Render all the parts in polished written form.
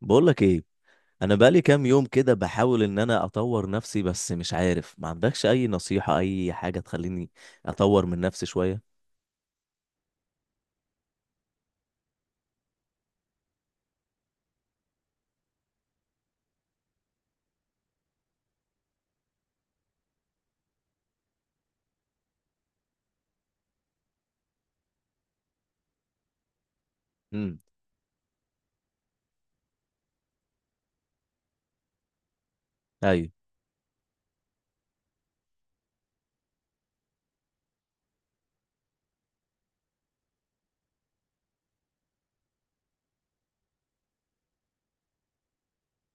بقولك ايه؟ انا بقالي كام يوم كده بحاول ان انا اطور نفسي، بس مش عارف. ما عندكش اي نصيحة، اي حاجة تخليني اطور من نفسي شوية؟ امم ايوه.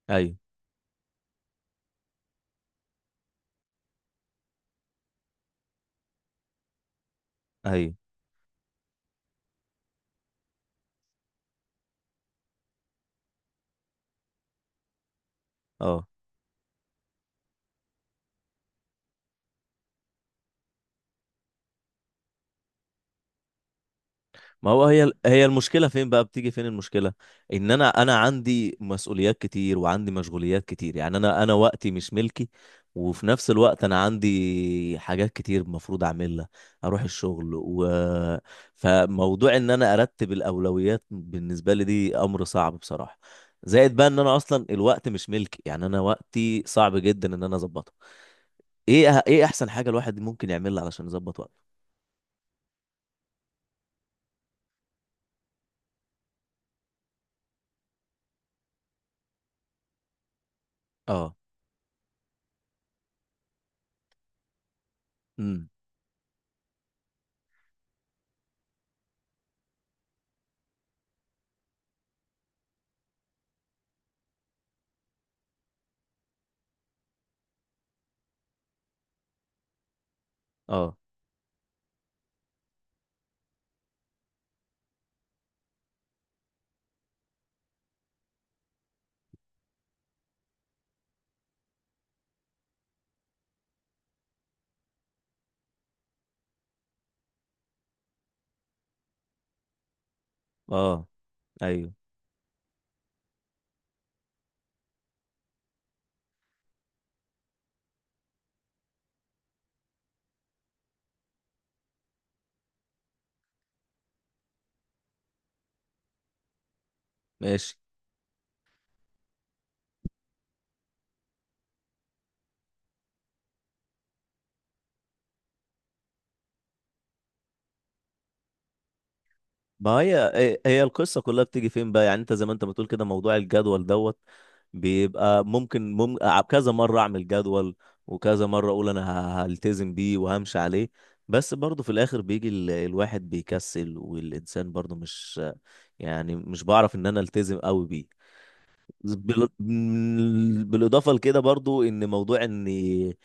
ايوه. ايوه. اه. ما هو هي المشكلة فين بقى؟ بتيجي فين المشكلة؟ ان انا انا عندي مسؤوليات كتير وعندي مشغوليات كتير، يعني انا وقتي مش ملكي. وفي نفس الوقت انا عندي حاجات كتير المفروض اعملها، اروح الشغل فموضوع ان انا ارتب الاولويات بالنسبة لي دي امر صعب بصراحة. زائد بقى ان انا اصلا الوقت مش ملكي، يعني انا وقتي صعب جدا ان انا اظبطه. ايه احسن حاجة الواحد ممكن يعملها علشان يظبط وقته؟ اه. امم اه. اه. ايوه. ماشي. ما هي القصة كلها بتيجي فين بقى؟ يعني انت زي ما انت بتقول كده، موضوع الجدول دوت بيبقى ممكن كذا مرة اعمل جدول وكذا مرة اقول انا هلتزم بيه وهمشي عليه، بس برضه في الاخر بيجي الواحد بيكسل والانسان برضه مش، يعني مش بعرف ان انا التزم قوي بيه. بالاضافه لكده برضو ان موضوع اني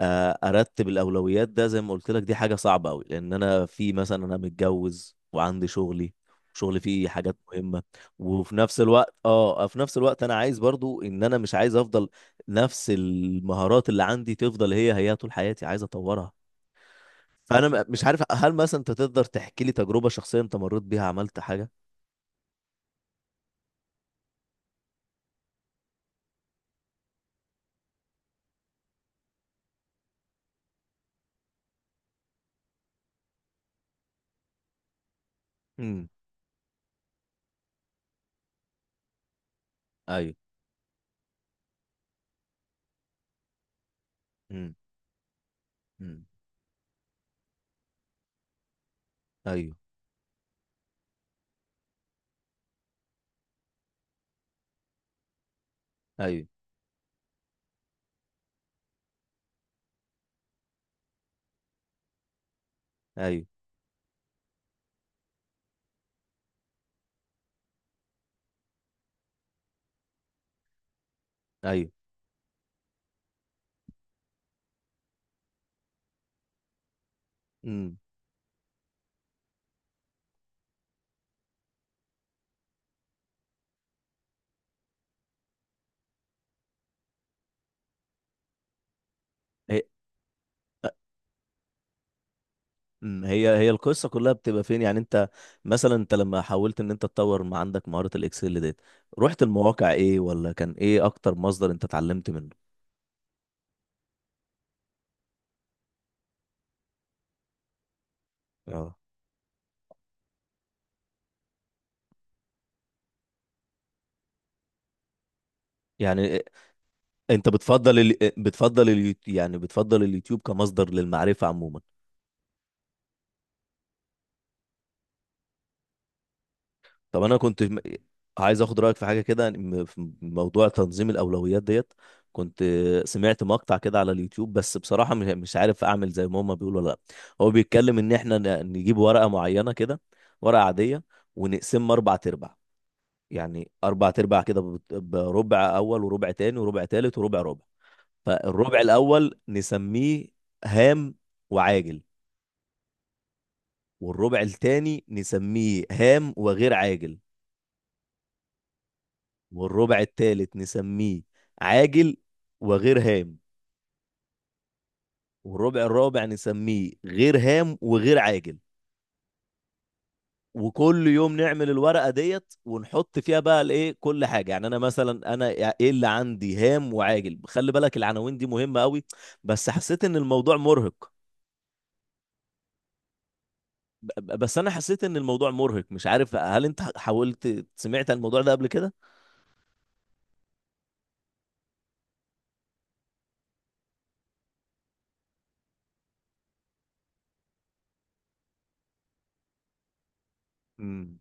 ارتب الاولويات ده زي ما قلت لك دي حاجه صعبه قوي، لان انا في مثلا انا متجوز وعندي شغلي، شغلي فيه حاجات مهمه. وفي نفس الوقت في نفس الوقت انا عايز برضو ان انا مش عايز افضل نفس المهارات اللي عندي تفضل هي طول حياتي، عايز اطورها. فانا مش عارف، هل مثلا انت تقدر تحكي لي تجربه شخصيه انت مريت بيها عملت حاجه؟ امم ايوه. امم ايوه. ايوه. ايوه. ايوه. امم هي هي القصه كلها بتبقى فين يعني انت مثلا؟ انت لما حاولت ان انت تطور ما عندك مهاره الاكسل ديت، رحت المواقع ايه؟ ولا كان ايه اكتر مصدر انت اتعلمت منه؟ اه، يعني انت بتفضل اليوتيوب؟ يعني بتفضل اليوتيوب كمصدر للمعرفه عموما؟ طب انا كنت عايز اخد رايك في حاجه كده، في موضوع تنظيم الاولويات ديت. كنت سمعت مقطع كده على اليوتيوب، بس بصراحه مش عارف اعمل زي ما هما بيقولوا ولا لا. هو بيتكلم ان احنا نجيب ورقه معينه كده، ورقه عاديه، ونقسمها اربع تربع. يعني اربع تربع كده، بربع اول وربع تاني وربع تالت وربع ربع. فالربع الاول نسميه هام وعاجل، والربع التاني نسميه هام وغير عاجل، والربع التالت نسميه عاجل وغير هام، والربع الرابع نسميه غير هام وغير عاجل. وكل يوم نعمل الورقة ديت ونحط فيها بقى الايه، كل حاجة. يعني انا مثلا، انا ايه اللي عندي هام وعاجل؟ خلي بالك العناوين دي مهمة قوي. بس حسيت ان الموضوع مرهق. بس انا حسيت ان الموضوع مرهق. مش عارف، هل انت حاولت سمعت عن الموضوع ده قبل كده؟ مم.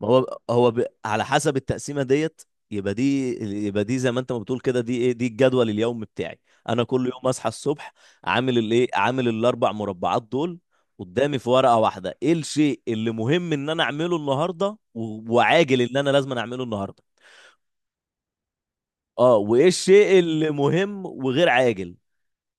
ما هو على حسب التقسيمه ديت، يبقى دي يبقى دي زي ما انت ما بتقول كده، دي ايه، دي الجدول اليومي بتاعي. انا كل يوم اصحى الصبح عامل الايه، عامل الاربع مربعات دول قدامي في ورقه واحده. ايه الشيء اللي مهم ان انا اعمله النهارده وعاجل ان انا لازم اعمله النهارده، اه، وايه الشيء اللي مهم وغير عاجل.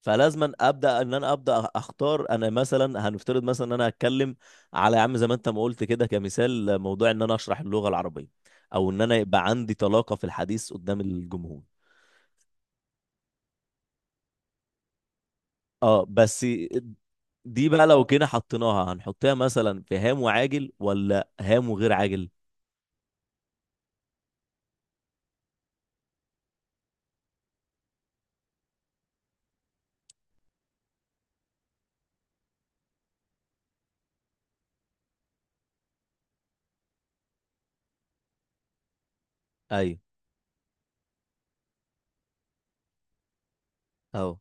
فلازما ابدا ان انا ابدا اختار انا مثلا، هنفترض مثلا ان انا هتكلم على، يا عم زي ما انت ما قلت كده كمثال، موضوع ان انا اشرح اللغه العربيه، او ان انا يبقى عندي طلاقه في الحديث قدام الجمهور. اه بس دي بقى لو كده حطيناها، هنحطها مثلا في هام وعاجل ولا هام وغير عاجل؟ ايوه. اهو.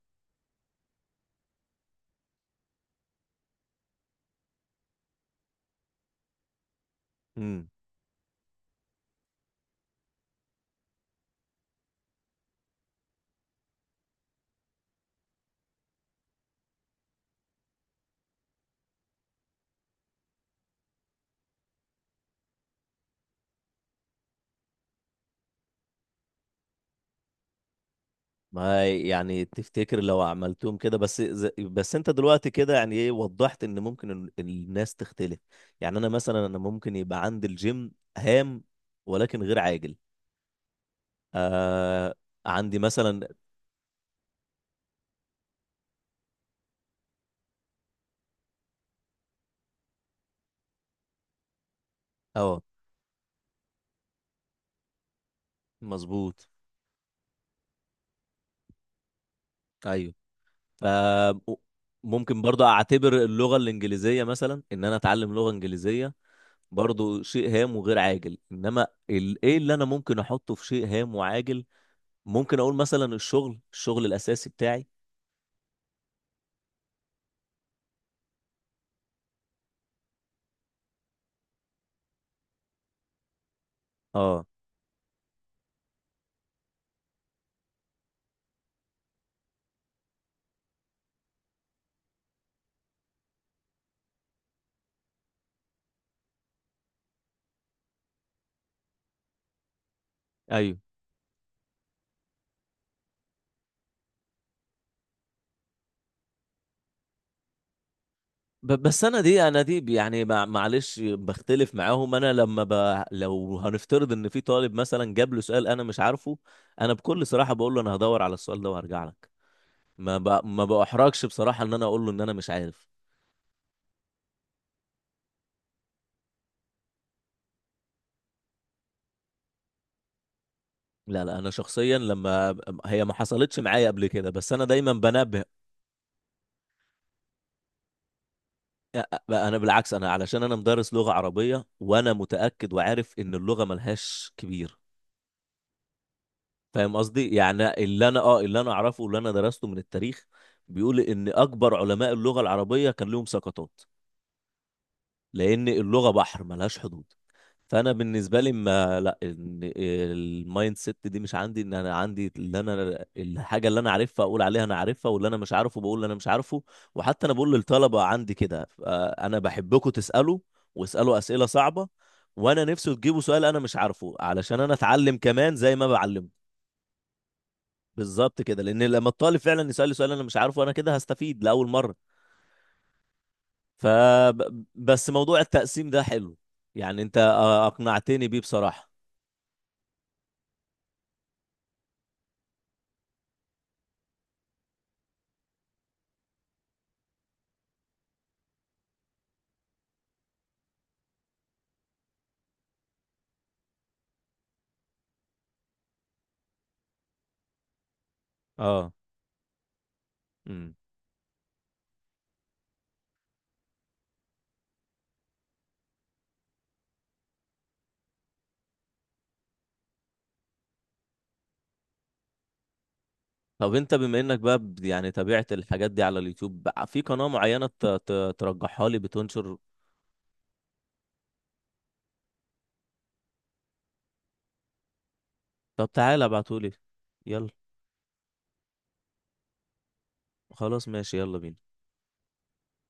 ما يعني تفتكر لو عملتهم كده بس، بس انت دلوقتي كده يعني ايه وضحت ان ممكن الناس تختلف. يعني انا مثلا، انا ممكن يبقى عندي الجيم هام ولكن غير عاجل. آه. عندي مثلا، اه، مظبوط. ايوه. ف ممكن برضه اعتبر اللغة الانجليزية مثلا، ان انا اتعلم لغة انجليزية، برضه شيء هام وغير عاجل. انما ايه اللي انا ممكن احطه في شيء هام وعاجل؟ ممكن اقول مثلا الشغل، الشغل الاساسي بتاعي. اه. ايوه. بس انا دي، معلش بختلف معاهم. انا لما لو هنفترض ان في طالب مثلا جاب له سؤال انا مش عارفه، انا بكل صراحه بقول له انا هدور على السؤال ده وهرجع لك. ما باحرجش بصراحه ان انا اقول له ان انا مش عارف. لا انا شخصيا لما، هي ما حصلتش معايا قبل كده، بس انا دايما بنبه. انا بالعكس، انا علشان انا مدرس لغه عربيه، وانا متاكد وعارف ان اللغه ملهاش كبير. فاهم قصدي؟ يعني اللي انا اللي انا اعرفه واللي انا درسته من التاريخ، بيقول ان اكبر علماء اللغه العربيه كان لهم سقطات، لان اللغه بحر ملهاش حدود. فانا بالنسبه لي، ما لا، إن المايند سيت دي مش عندي. ان انا عندي اللي انا الحاجه اللي انا عارفها اقول عليها انا عارفها، واللي انا مش عارفه بقول اللي انا مش عارفه. وحتى انا بقول للطلبه عندي كده، انا بحبكم تسالوا، واسالوا اسئله صعبه، وانا نفسي تجيبوا سؤال انا مش عارفه، علشان انا اتعلم كمان زي ما بعلمكم. بالظبط كده، لان لما الطالب فعلا يسأل لي سؤال انا مش عارفه، انا كده هستفيد لاول مره. ف بس موضوع التقسيم ده حلو، يعني انت اقنعتني بيه بصراحه. اه. امم طب انت بما انك بقى يعني تابعت الحاجات دي على اليوتيوب بقى، في قناه معينه ترجحها لي بتنشر؟ طب تعالى ابعتهولي. يلا. خلاص ماشي، يلا بينا.